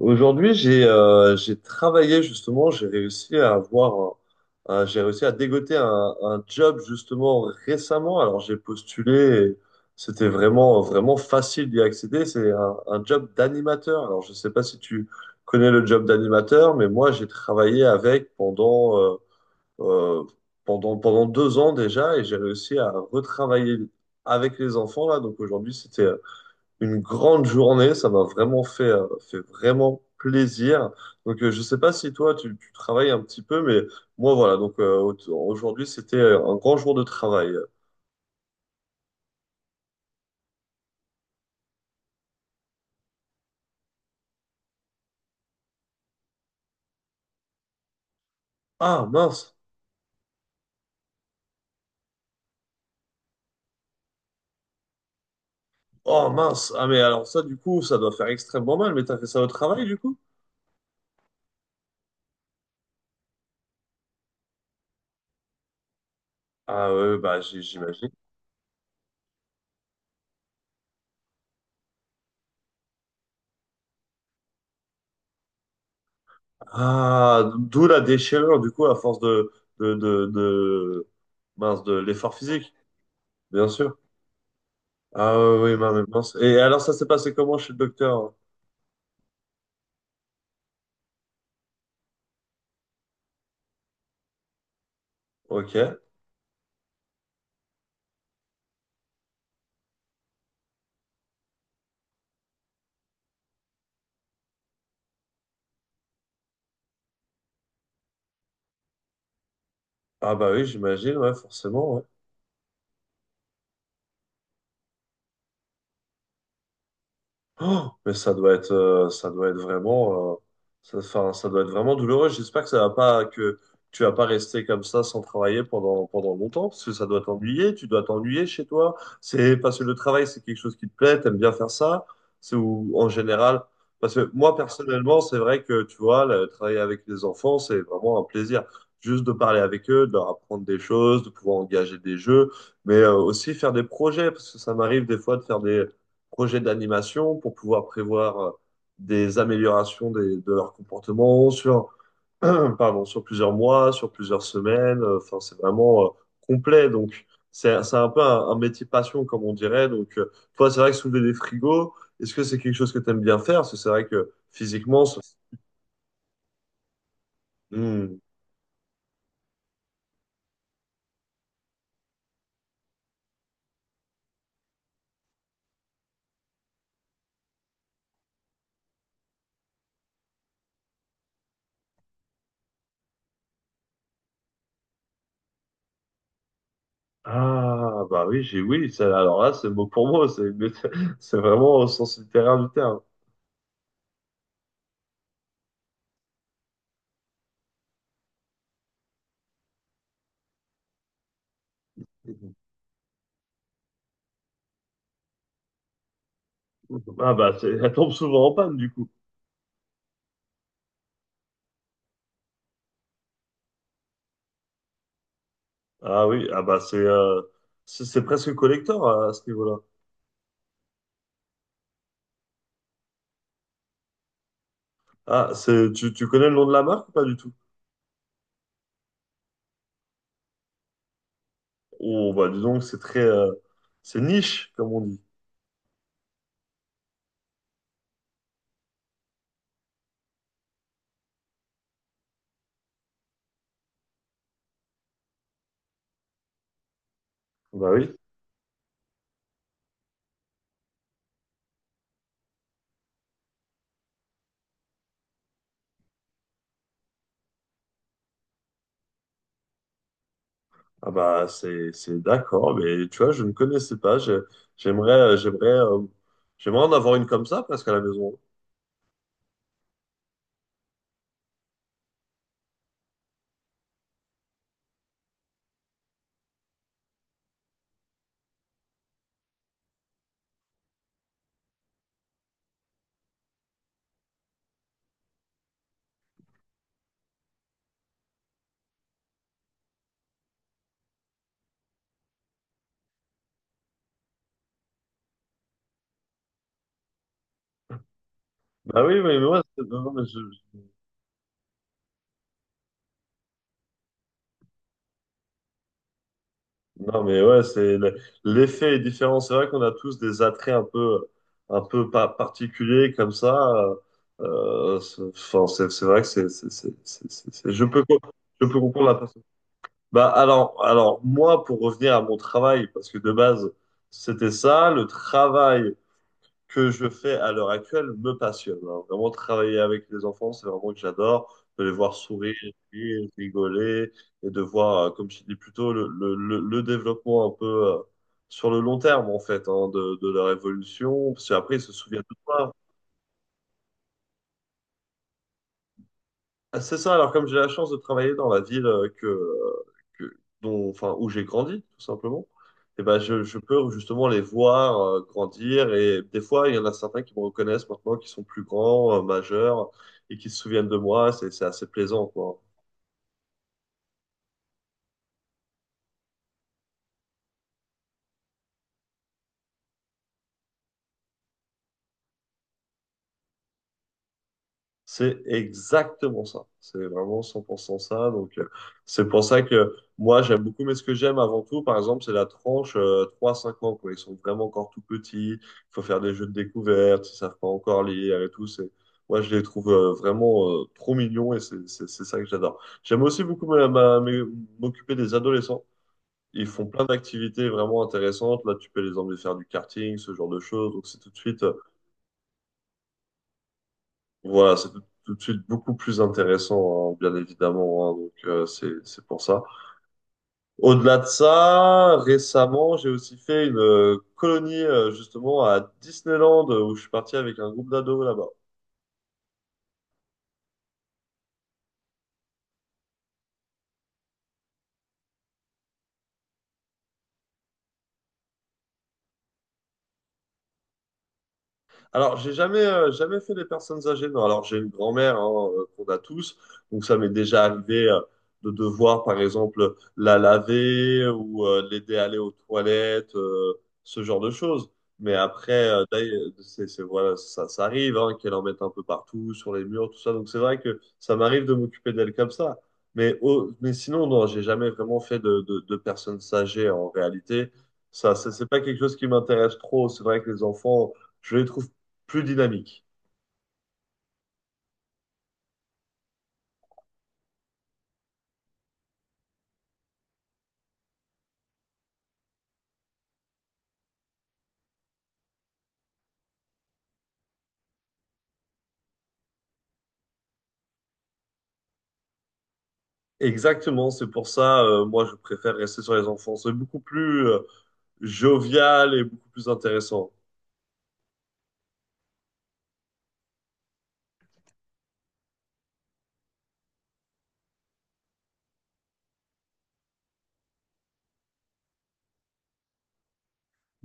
Aujourd'hui, j'ai travaillé justement, j'ai réussi à avoir j'ai réussi à dégoter un job justement récemment. Alors j'ai postulé, et c'était vraiment vraiment facile d'y accéder. C'est un job d'animateur. Alors je sais pas si tu connais le job d'animateur, mais moi j'ai travaillé avec pendant euh, pendant 2 ans déjà et j'ai réussi à retravailler avec les enfants là. Donc aujourd'hui, c'était une grande journée. Ça m'a vraiment fait vraiment plaisir. Donc, je sais pas si toi, tu travailles un petit peu, mais moi, voilà. Aujourd'hui, c'était un grand jour de travail. Ah, mince. Oh, mince. Ah, mais alors ça, du coup, ça doit faire extrêmement mal. Mais t'as fait ça au travail, du coup? Ah, ouais, bah, j'imagine. Ah, d'où la déchirure, du coup, à force de, de, de, de l'effort physique, bien sûr. Ah, oui, oui, mince. Mince. Et alors, ça s'est passé comment chez le docteur? Ok. Ah bah oui, j'imagine, ouais, forcément. Ouais. Oh, ça doit être vraiment, ça doit être vraiment douloureux. J'espère que ça va pas, que tu vas pas rester comme ça sans travailler pendant, pendant longtemps, parce que ça doit t'ennuyer. Tu dois t'ennuyer chez toi. C'est parce que le travail, c'est quelque chose qui te plaît. T'aimes bien faire ça. C'est ou en général, parce que moi personnellement, c'est vrai que tu vois, le, travailler avec les enfants, c'est vraiment un plaisir. Juste de parler avec eux, de leur apprendre des choses, de pouvoir engager des jeux, mais aussi faire des projets, parce que ça m'arrive des fois de faire des projet d'animation pour pouvoir prévoir des améliorations des- de leur comportement sur, pardon, sur plusieurs mois, sur plusieurs semaines. Enfin, c'est vraiment complet. Donc, c'est un peu un métier passion, comme on dirait. Donc, toi, c'est vrai que soulever des frigos, est-ce que c'est quelque chose que tu aimes bien faire? Parce que c'est vrai que physiquement, ça- Hmm. Ah, bah oui, j'ai oui. Ça- Alors là, c'est mot pour mot. C'est c'est vraiment au sens littéraire du terme. Ah bah, c'est- elle tombe souvent en panne, du coup. Ah oui, ah bah c'est presque collector à ce niveau-là. Ah, c'est tu connais le nom de la marque ou pas du tout? Oh bah dis donc, c'est niche comme on dit. Bah oui. Ah bah c'est d'accord, mais tu vois, je ne connaissais pas. J'aimerais euh, j'aimerais euh, J'aimerais en avoir une comme ça presque à la maison. Bah oui, mais moi, non, mais je- Non, mais ouais, l'effet est différent. C'est vrai qu'on a tous des attraits un peu pa- particuliers comme ça. C'est, enfin, c'est vrai que c'est- je peux, co- Je peux comprendre la personne. Bah, alors, moi, pour revenir à mon travail, parce que de base, c'était ça, le travail que je fais à l'heure actuelle me passionne. Hein. Vraiment, travailler avec les enfants, c'est vraiment que j'adore. De les voir sourire, rire, rigoler, et de voir, comme je dis plus tôt, le développement un peu sur le long terme, en fait, hein, de leur évolution. Parce qu'après, ils se souviennent de toi. Ah, c'est ça, alors comme j'ai la chance de travailler dans la ville que- dont, enfin, où j'ai grandi, tout simplement, et ben, je peux justement les voir grandir. Et des fois, il y en a certains qui me reconnaissent maintenant, qui sont plus grands, majeurs, et qui se souviennent de moi. C'est assez plaisant, quoi. C'est exactement ça. C'est vraiment 100% ça. Donc, c'est pour ça que moi, j'aime beaucoup, mais ce que j'aime avant tout, par exemple, c'est la tranche 3-5 ans, quoi. Ils sont vraiment encore tout petits. Il faut faire des jeux de découverte. Ils savent pas encore lire et tout. C'est, moi, je les trouve vraiment trop mignons et c'est ça que j'adore. J'aime aussi beaucoup m'occuper des adolescents. Ils font plein d'activités vraiment intéressantes. Là, tu peux les emmener faire du karting, ce genre de choses. Donc, c'est tout de suite. Voilà, c'est tout, tout de suite beaucoup plus intéressant, hein, bien évidemment. Hein, donc c'est pour ça. Au-delà de ça, récemment, j'ai aussi fait une colonie justement à Disneyland où je suis parti avec un groupe d'ados là-bas. Alors, j'ai jamais, jamais fait des personnes âgées. Non, alors j'ai une grand-mère hein, qu'on a tous, donc ça m'est déjà arrivé de devoir, par exemple, la laver ou l'aider à aller aux toilettes, ce genre de choses. Mais après, voilà, ça arrive hein, qu'elle en mette un peu partout, sur les murs, tout ça. Donc c'est vrai que ça m'arrive de m'occuper d'elle comme ça. Mais sinon, non, j'ai jamais vraiment fait de personnes âgées en réalité. Ça, c'est pas quelque chose qui m'intéresse trop. C'est vrai que les enfants je les trouve plus dynamique. Exactement, c'est pour ça, moi, je préfère rester sur les enfants. C'est beaucoup plus jovial et beaucoup plus intéressant.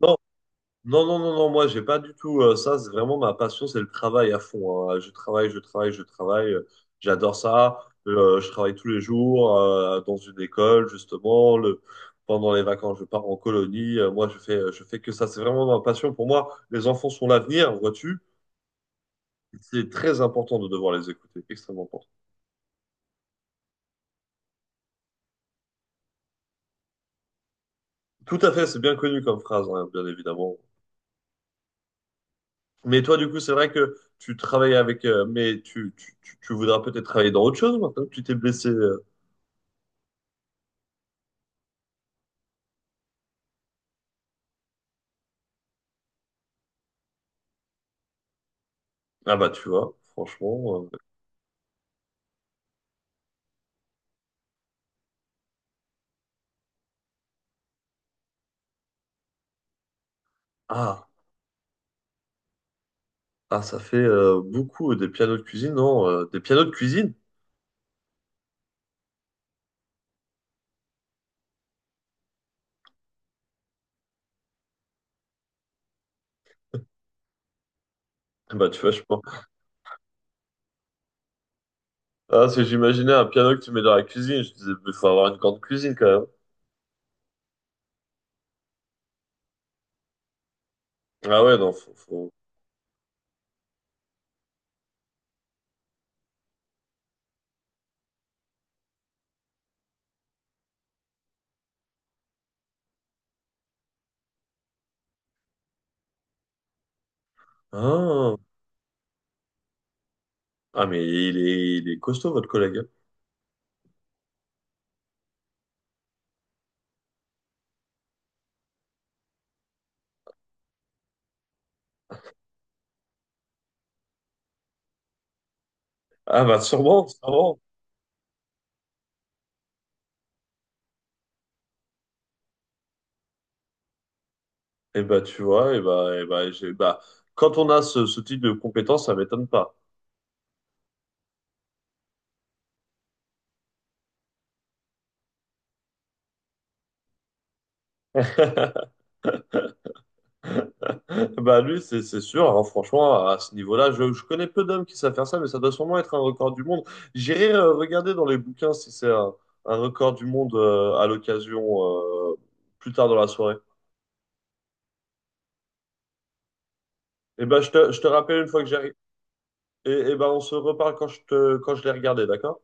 Non, non, non, non, non, moi, j'ai pas du tout ça. C'est vraiment ma passion, c'est le travail à fond. Hein. Je travaille, je travaille, je travaille. J'adore ça. Je travaille tous les jours dans une école, justement. Le... Pendant les vacances, je pars en colonie. Moi, je fais que ça. C'est vraiment ma passion. Pour moi, les enfants sont l'avenir, vois-tu. C'est très important de devoir les écouter, extrêmement important. Tout à fait, c'est bien connu comme phrase, hein, bien évidemment. Mais toi, du coup, c'est vrai que tu travailles avec, mais tu voudras peut-être travailler dans autre chose maintenant que tu t'es blessé. Euh. Ah bah, tu vois, franchement. Ah, ah, ça fait beaucoup des pianos de cuisine, non? Des pianos de cuisine? Ah bah, tu vois, je pense. Ah, c'est que j'imaginais un piano que tu mets dans la cuisine. Je disais, il faut avoir une grande cuisine quand même. Ah ouais, non, faut- Ah, il est costaud, votre collègue. Hein. Ah bah, sûrement, sûrement. Et bah, tu vois, et bah, j'ai- bah, Quand on a ce type de compétences, ça m'étonne pas. Bah, lui, c'est sûr. Hein, franchement, à ce niveau-là, je connais peu d'hommes qui savent faire ça, mais ça doit sûrement être un record du monde. J'irai regarder dans les bouquins si c'est un record du monde à l'occasion euh, plus tard dans la soirée. Et bah, je te rappelle une fois que j'arrive. Et bah, on se reparle quand quand je l'ai regardé, d'accord?